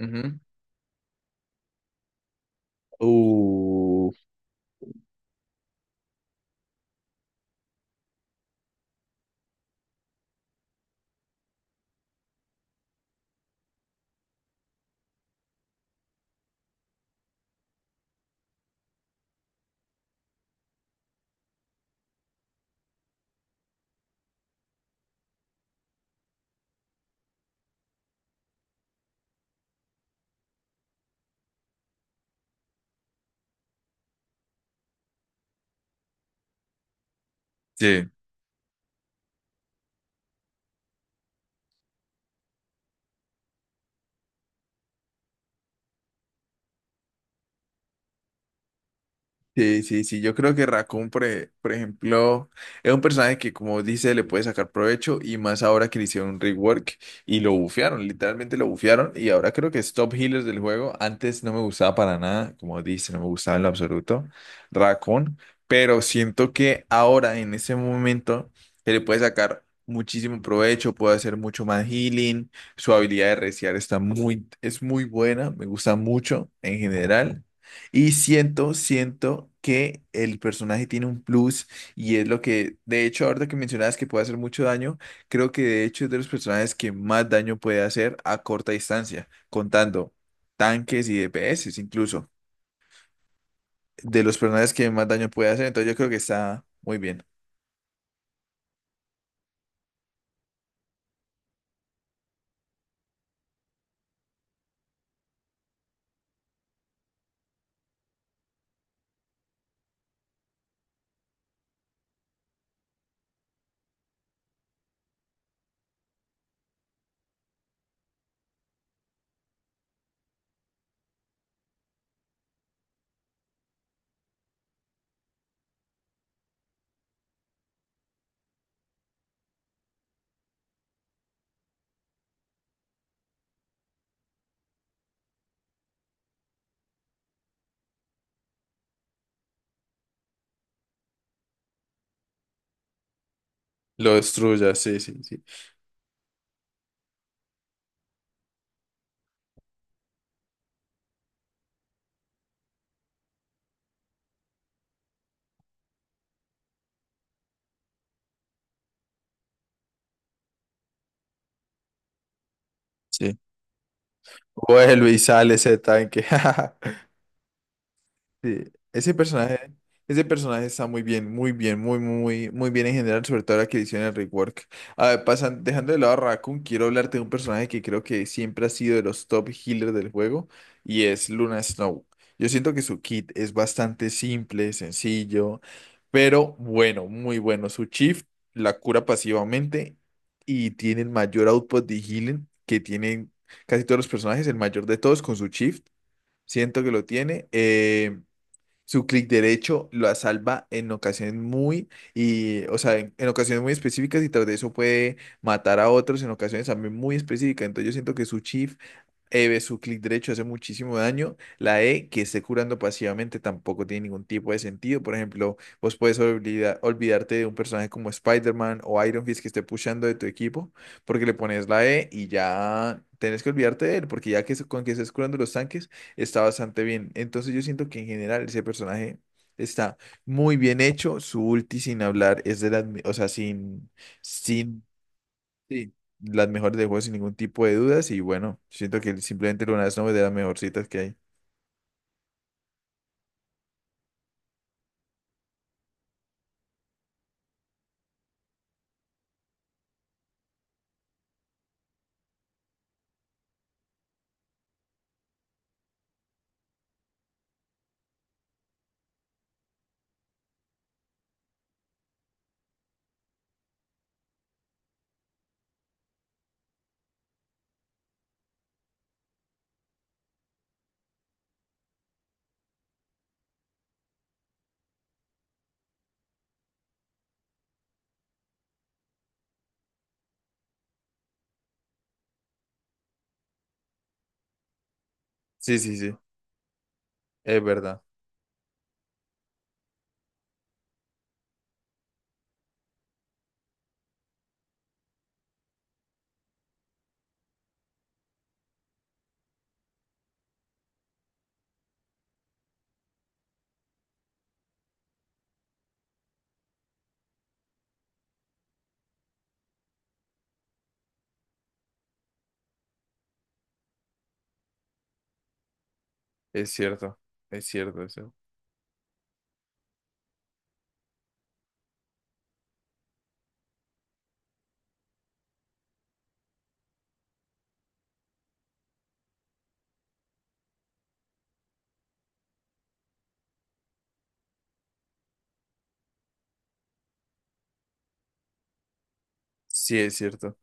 Ujú. Uh, Sí. Sí, sí, sí, yo creo que Raccoon, por ejemplo, es un personaje que, como dice, le puede sacar provecho y más ahora que le hicieron un rework y lo bufearon. Literalmente lo bufearon y ahora creo que es top healer del juego. Antes no me gustaba para nada, como dice, no me gustaba en lo absoluto Raccoon, pero siento que ahora, en ese momento, se le puede sacar muchísimo provecho, puede hacer mucho más healing, su habilidad de reciar es muy buena, me gusta mucho en general. Y siento que el personaje tiene un plus y es lo que, de hecho, ahorita que mencionabas que puede hacer mucho daño, creo que de hecho es de los personajes que más daño puede hacer a corta distancia, contando tanques y DPS incluso, de los personajes que más daño puede hacer, entonces yo creo que está muy bien. Lo destruya, sí, sí, sí. Sí. Vuelve y sale ese tanque. Sí, ese personaje, ese personaje está muy bien, muy bien, muy, muy, muy bien en general, sobre todo la que le hicieron el rework. A ver, pasan, dejando de lado a Raccoon, quiero hablarte de un personaje que creo que siempre ha sido de los top healers del juego, y es Luna Snow. Yo siento que su kit es bastante simple, sencillo, pero bueno, muy bueno. Su Chief la cura pasivamente y tiene el mayor output de healing que tienen casi todos los personajes, el mayor de todos con su Chief. Siento que lo tiene. Su clic derecho lo salva en ocasiones muy, y, o sea, en ocasiones muy específicas y tras de eso puede matar a otros en ocasiones también muy específicas. Entonces yo siento que su chi e su clic derecho hace muchísimo daño. La E que esté curando pasivamente tampoco tiene ningún tipo de sentido. Por ejemplo, vos puedes olvidarte de un personaje como Spider-Man o Iron Fist que esté pushando de tu equipo, porque le pones la E y ya tenés que olvidarte de él, porque ya con que estés curando los tanques está bastante bien. Entonces yo siento que en general ese personaje está muy bien hecho. Su ulti sin hablar es de las, o sea, sin, sin Sí. Las mejores del juego sin ningún tipo de dudas y bueno, siento que simplemente Luna Snow es de las mejorcitas que hay. Sí, sí, sí, es verdad, es cierto, es cierto eso. Sí, es cierto.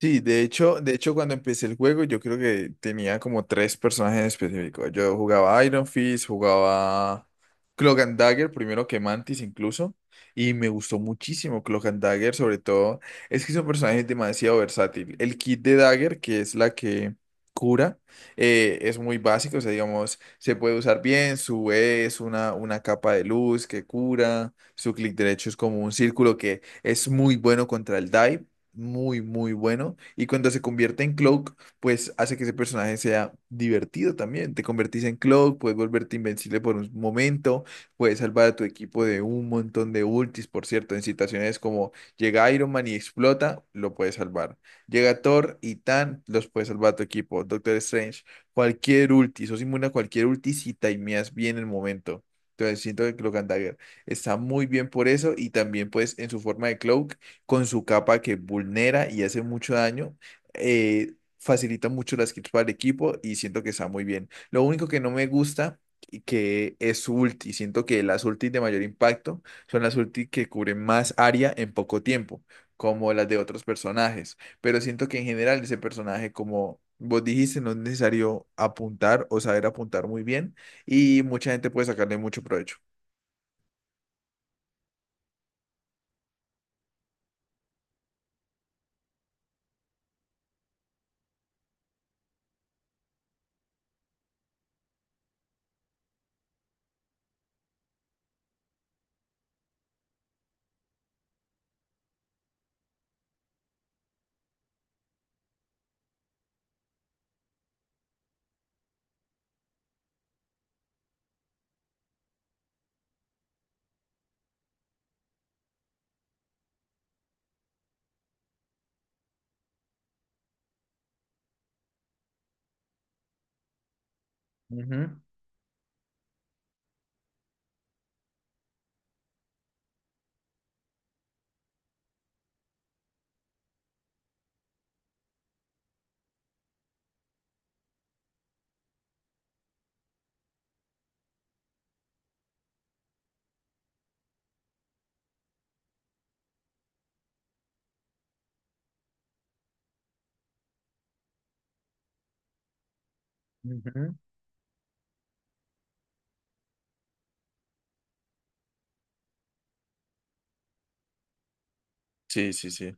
Sí, de hecho cuando empecé el juego yo creo que tenía como tres personajes específicos. Yo jugaba Iron Fist, jugaba Cloak and Dagger, primero que Mantis incluso, y me gustó muchísimo Cloak and Dagger. Sobre todo es que son personajes demasiado versátil. El kit de Dagger, que es la que cura, es muy básico, o sea, digamos, se puede usar bien, su E es una capa de luz que cura, su clic derecho es como un círculo que es muy bueno contra el dive, muy, muy bueno. Y cuando se convierte en Cloak, pues hace que ese personaje sea divertido también. Te convertís en Cloak, puedes volverte invencible por un momento, puedes salvar a tu equipo de un montón de ultis. Por cierto, en situaciones como llega Iron Man y explota, lo puedes salvar. Llega Thor y Tan, los puedes salvar a tu equipo. Doctor Strange, cualquier ulti, sos inmune a cualquier ulti si timeas bien el momento. Entonces siento que Cloak and Dagger está muy bien por eso, y también pues en su forma de Cloak con su capa que vulnera y hace mucho daño, facilita mucho las kills para el equipo y siento que está muy bien. Lo único que no me gusta y que es su ulti, siento que las ultis de mayor impacto son las ultis que cubren más área en poco tiempo, como las de otros personajes, pero siento que en general ese personaje como... Vos dijiste, no es necesario apuntar o saber apuntar muy bien y mucha gente puede sacarle mucho provecho. Ujú, ujú. Sí, sí, sí.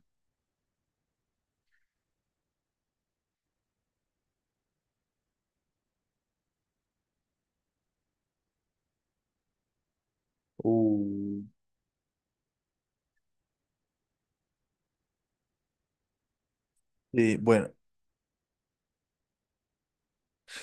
Uh, Sí, bueno,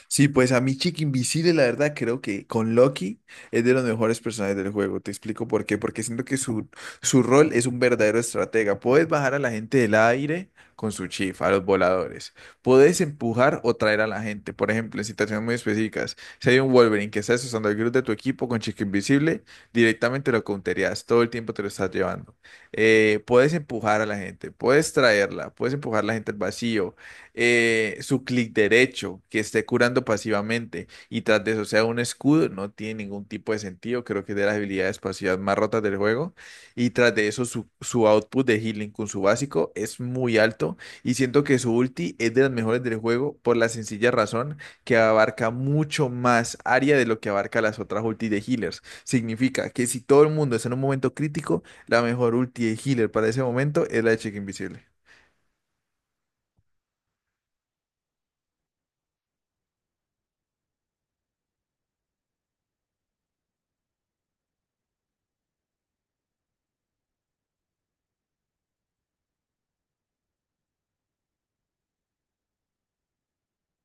sí, pues a mí Chick Invisible, la verdad, creo que con Loki es de los mejores personajes del juego. Te explico por qué. Porque siento que su rol es un verdadero estratega. Puedes bajar a la gente del aire con su chifa, a los voladores. Puedes empujar o traer a la gente. Por ejemplo, en situaciones muy específicas, si hay un Wolverine que está usando el grupo de tu equipo, con Chick Invisible directamente lo counterías. Todo el tiempo te lo estás llevando. Puedes empujar a la gente, puedes traerla, puedes empujar a la gente al vacío. Su clic derecho, que esté curando pasivamente y tras de eso sea un escudo, no tiene ningún tipo de sentido. Creo que es de las habilidades pasivas más rotas del juego. Y tras de eso, su output de healing con su básico es muy alto. Y siento que su ulti es de las mejores del juego por la sencilla razón que abarca mucho más área de lo que abarca las otras ultis de healers. Significa que si todo el mundo está en un momento crítico, la mejor ulti de healer para ese momento es la de Chica Invisible.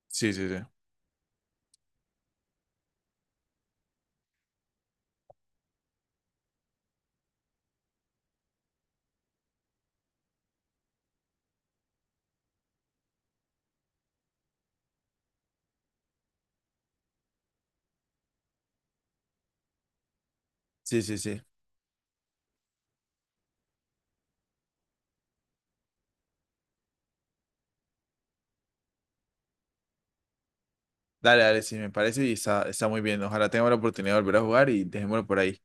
Sí, sí, sí. Sí, sí, sí. Dale, dale, sí, me parece y está, está muy bien. Ojalá tengamos la oportunidad de volver a jugar y dejémoslo por ahí.